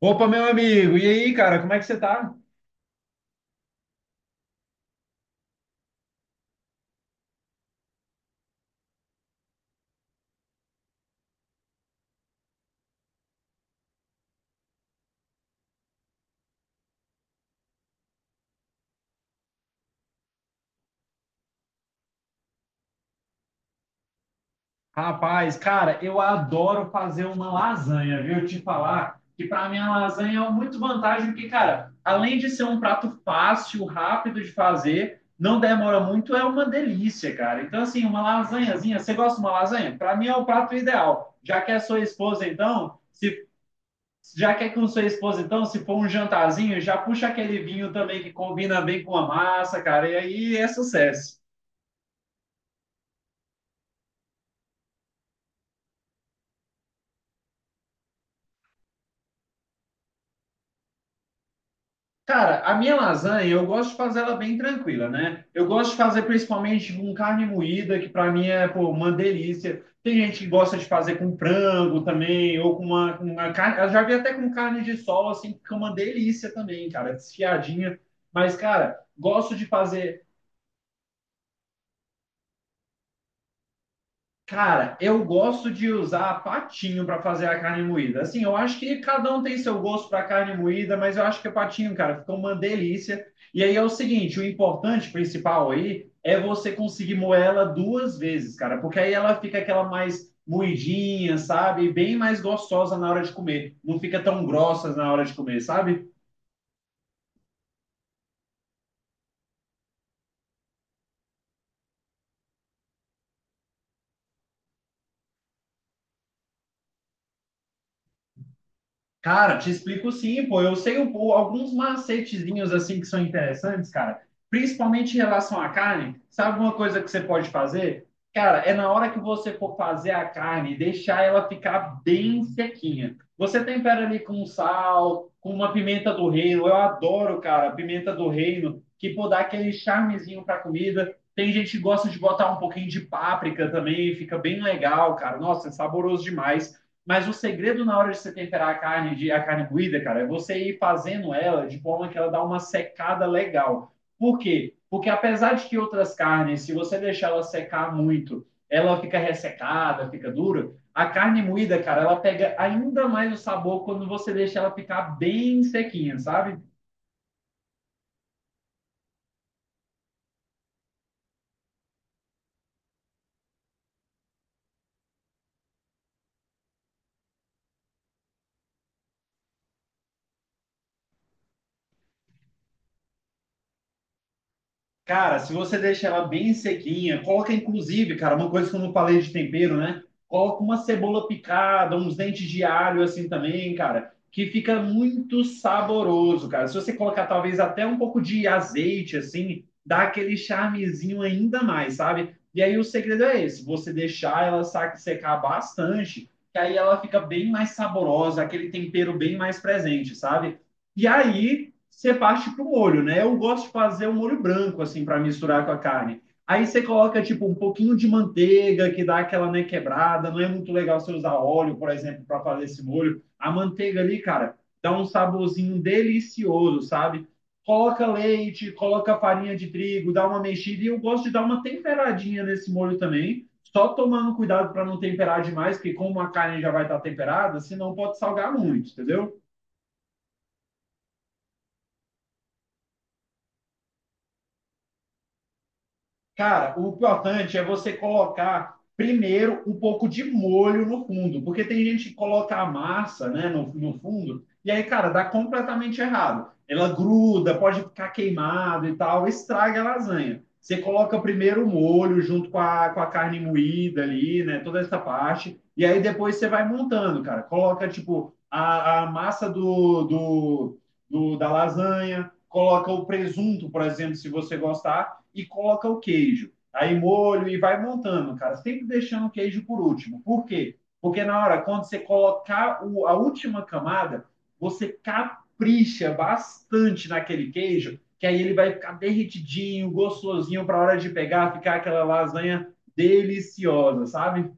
Opa, meu amigo, e aí, cara, como é que você tá? Rapaz, cara, eu adoro fazer uma lasanha, viu? Eu te falar que para mim a lasanha é muito vantagem, porque, cara, além de ser um prato fácil, rápido de fazer, não demora muito, é uma delícia, cara. Então, assim, uma lasanhazinha, você gosta de uma lasanha? Para mim é o prato ideal. Já que é com sua esposa, então, se for um jantarzinho, já puxa aquele vinho também que combina bem com a massa, cara, e aí é sucesso. Cara, a minha lasanha, eu gosto de fazer ela bem tranquila, né? Eu gosto de fazer principalmente com carne moída, que para mim é, pô, uma delícia. Tem gente que gosta de fazer com frango também, ou com uma carne. Eu já vi até com carne de sol, assim, que fica uma delícia também, cara, desfiadinha. Mas, cara, gosto de fazer. Cara, eu gosto de usar patinho para fazer a carne moída. Assim, eu acho que cada um tem seu gosto para carne moída, mas eu acho que o patinho, cara, ficou uma delícia. E aí é o seguinte, o importante principal aí é você conseguir moer ela duas vezes, cara, porque aí ela fica aquela mais moidinha, sabe? Bem mais gostosa na hora de comer. Não fica tão grossa na hora de comer, sabe? Cara, te explico sim, pô. Eu sei um pou- Alguns macetezinhos assim que são interessantes, cara. Principalmente em relação à carne. Sabe uma coisa que você pode fazer? Cara, é na hora que você for fazer a carne, deixar ela ficar bem sequinha. Você tempera ali com sal, com uma pimenta do reino. Eu adoro, cara, pimenta do reino, que pô, dá aquele charmezinho pra comida. Tem gente que gosta de botar um pouquinho de páprica também, fica bem legal, cara. Nossa, é saboroso demais. Mas o segredo na hora de você temperar a carne, a carne moída, cara, é você ir fazendo ela de forma que ela dá uma secada legal. Por quê? Porque apesar de que outras carnes, se você deixar ela secar muito, ela fica ressecada, fica dura, a carne moída, cara, ela pega ainda mais o sabor quando você deixa ela ficar bem sequinha, sabe? Cara, se você deixa ela bem sequinha, coloca inclusive, cara, uma coisa que eu não falei de tempero, né? Coloca uma cebola picada, uns dentes de alho assim também, cara, que fica muito saboroso, cara. Se você colocar talvez até um pouco de azeite assim, dá aquele charmezinho ainda mais, sabe? E aí o segredo é esse, você deixar ela secar bastante, que aí ela fica bem mais saborosa, aquele tempero bem mais presente, sabe? E aí você parte para o molho, né? Eu gosto de fazer um molho branco, assim, para misturar com a carne. Aí você coloca, tipo, um pouquinho de manteiga, que dá aquela, né, quebrada. Não é muito legal você usar óleo, por exemplo, para fazer esse molho. A manteiga ali, cara, dá um saborzinho delicioso, sabe? Coloca leite, coloca farinha de trigo, dá uma mexida. E eu gosto de dar uma temperadinha nesse molho também. Só tomando cuidado para não temperar demais, porque como a carne já vai estar temperada, senão pode salgar muito, entendeu? Cara, o importante é você colocar primeiro um pouco de molho no fundo, porque tem gente que coloca a massa, né, no fundo, e aí, cara, dá completamente errado. Ela gruda, pode ficar queimado e tal, estraga a lasanha. Você coloca primeiro o molho junto com a carne moída ali, né, toda essa parte, e aí depois você vai montando, cara. Coloca, tipo, a massa da lasanha, coloca o presunto, por exemplo, se você gostar e coloca o queijo. Aí molho e vai montando, cara. Sempre deixando o queijo por último. Por quê? Porque na hora, quando você colocar a última camada, você capricha bastante naquele queijo, que aí ele vai ficar derretidinho, gostosinho, para a hora de pegar, ficar aquela lasanha deliciosa, sabe?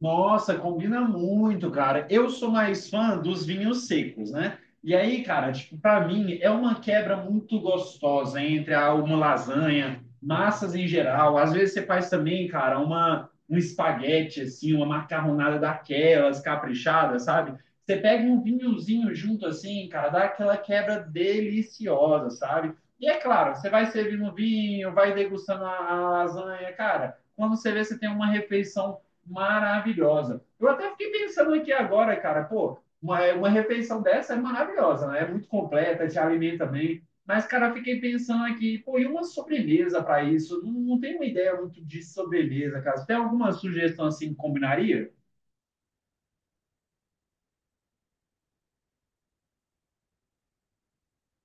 Nossa, combina muito, cara. Eu sou mais fã dos vinhos secos, né? E aí, cara, tipo, para mim é uma quebra muito gostosa entre uma lasanha, massas em geral. Às vezes você faz também, cara, uma um espaguete assim, uma macarronada daquelas caprichada, sabe? Você pega um vinhozinho junto assim, cara, dá aquela quebra deliciosa, sabe? E é claro, você vai servindo vinho, vai degustando a lasanha, cara. Quando você vê, você tem uma refeição maravilhosa. Eu até fiquei pensando aqui agora, cara, pô, uma refeição dessa é maravilhosa, né? É muito completa, te alimenta bem. Mas, cara, fiquei pensando aqui, pô, e uma sobremesa para isso? Não, não tenho uma ideia muito de sobremesa, cara. Você tem alguma sugestão assim que combinaria?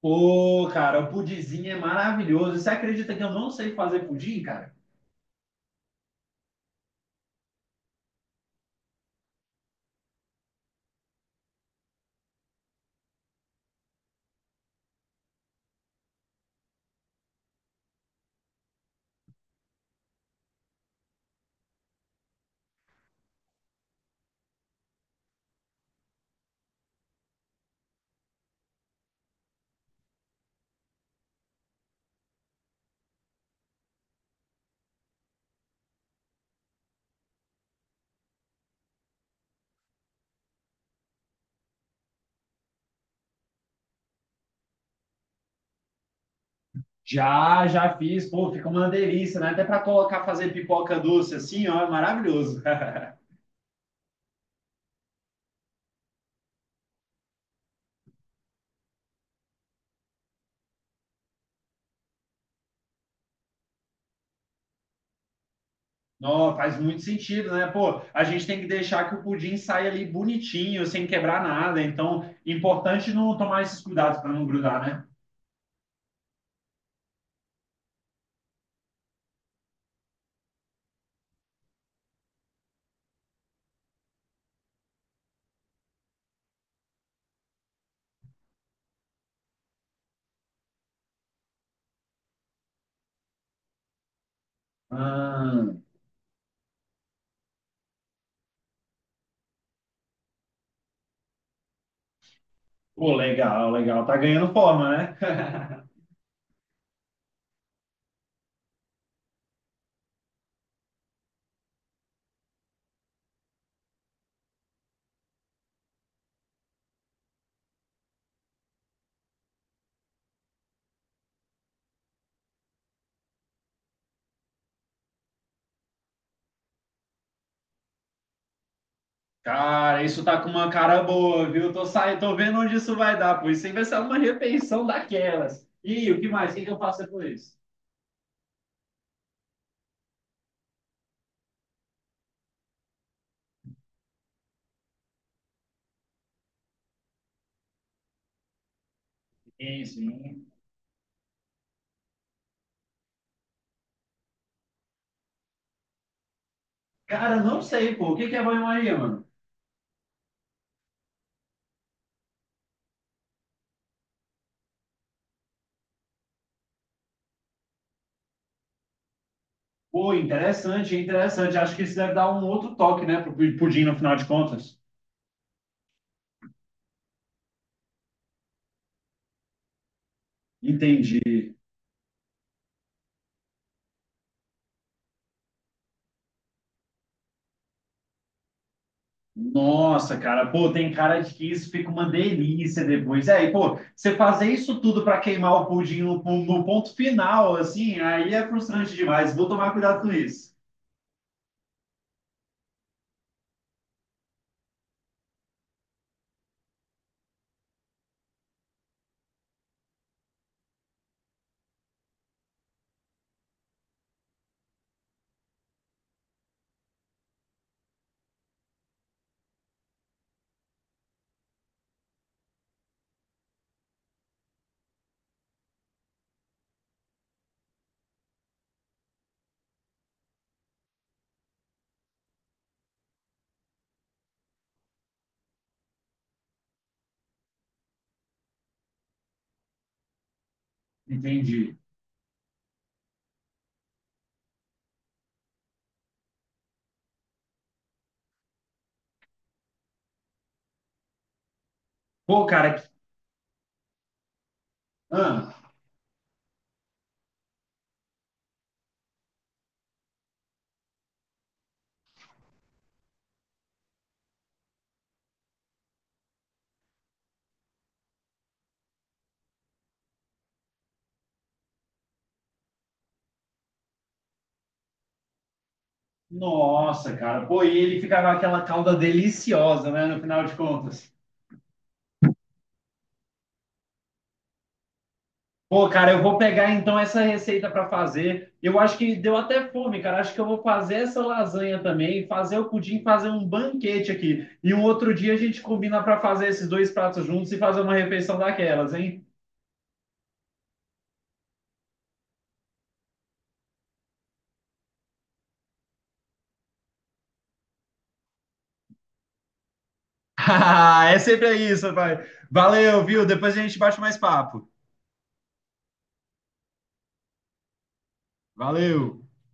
Pô, cara, o pudizinho é maravilhoso. Você acredita que eu não sei fazer pudim, cara? Já, já fiz, pô, fica uma delícia, né? Até para colocar, fazer pipoca doce assim, ó, é maravilhoso. Não, faz muito sentido, né? Pô, a gente tem que deixar que o pudim saia ali bonitinho, sem quebrar nada. Então, importante não tomar esses cuidados para não grudar, né? Ah, pô, legal, legal. Tá ganhando forma, né? Cara, isso tá com uma cara boa, viu? Tô saindo, tô vendo onde isso vai dar, pô. Isso aí vai ser uma repensão daquelas. E o que mais? O que que eu faço depois? Isso, hein? Cara, não sei, pô. O que que é banho-maria, mano? Pô, interessante, interessante. Acho que isso deve dar um outro toque, né, pro pudim no final de contas. Entendi. Nossa, cara, pô, tem cara de que isso fica uma delícia depois. É, e, pô, você fazer isso tudo para queimar o pudim no, no ponto final, assim, aí é frustrante demais. Vou tomar cuidado com isso. Entendi. Pô, cara, que... ah, Nossa, cara, pô, e ele ficava aquela calda deliciosa, né, no final de contas. Pô, cara, eu vou pegar então essa receita para fazer. Eu acho que deu até fome, cara. Acho que eu vou fazer essa lasanha também, fazer o pudim, fazer um banquete aqui. E um outro dia a gente combina para fazer esses dois pratos juntos e fazer uma refeição daquelas, hein? Ah, é sempre isso, pai. Valeu, viu? Depois a gente bate mais papo. Valeu.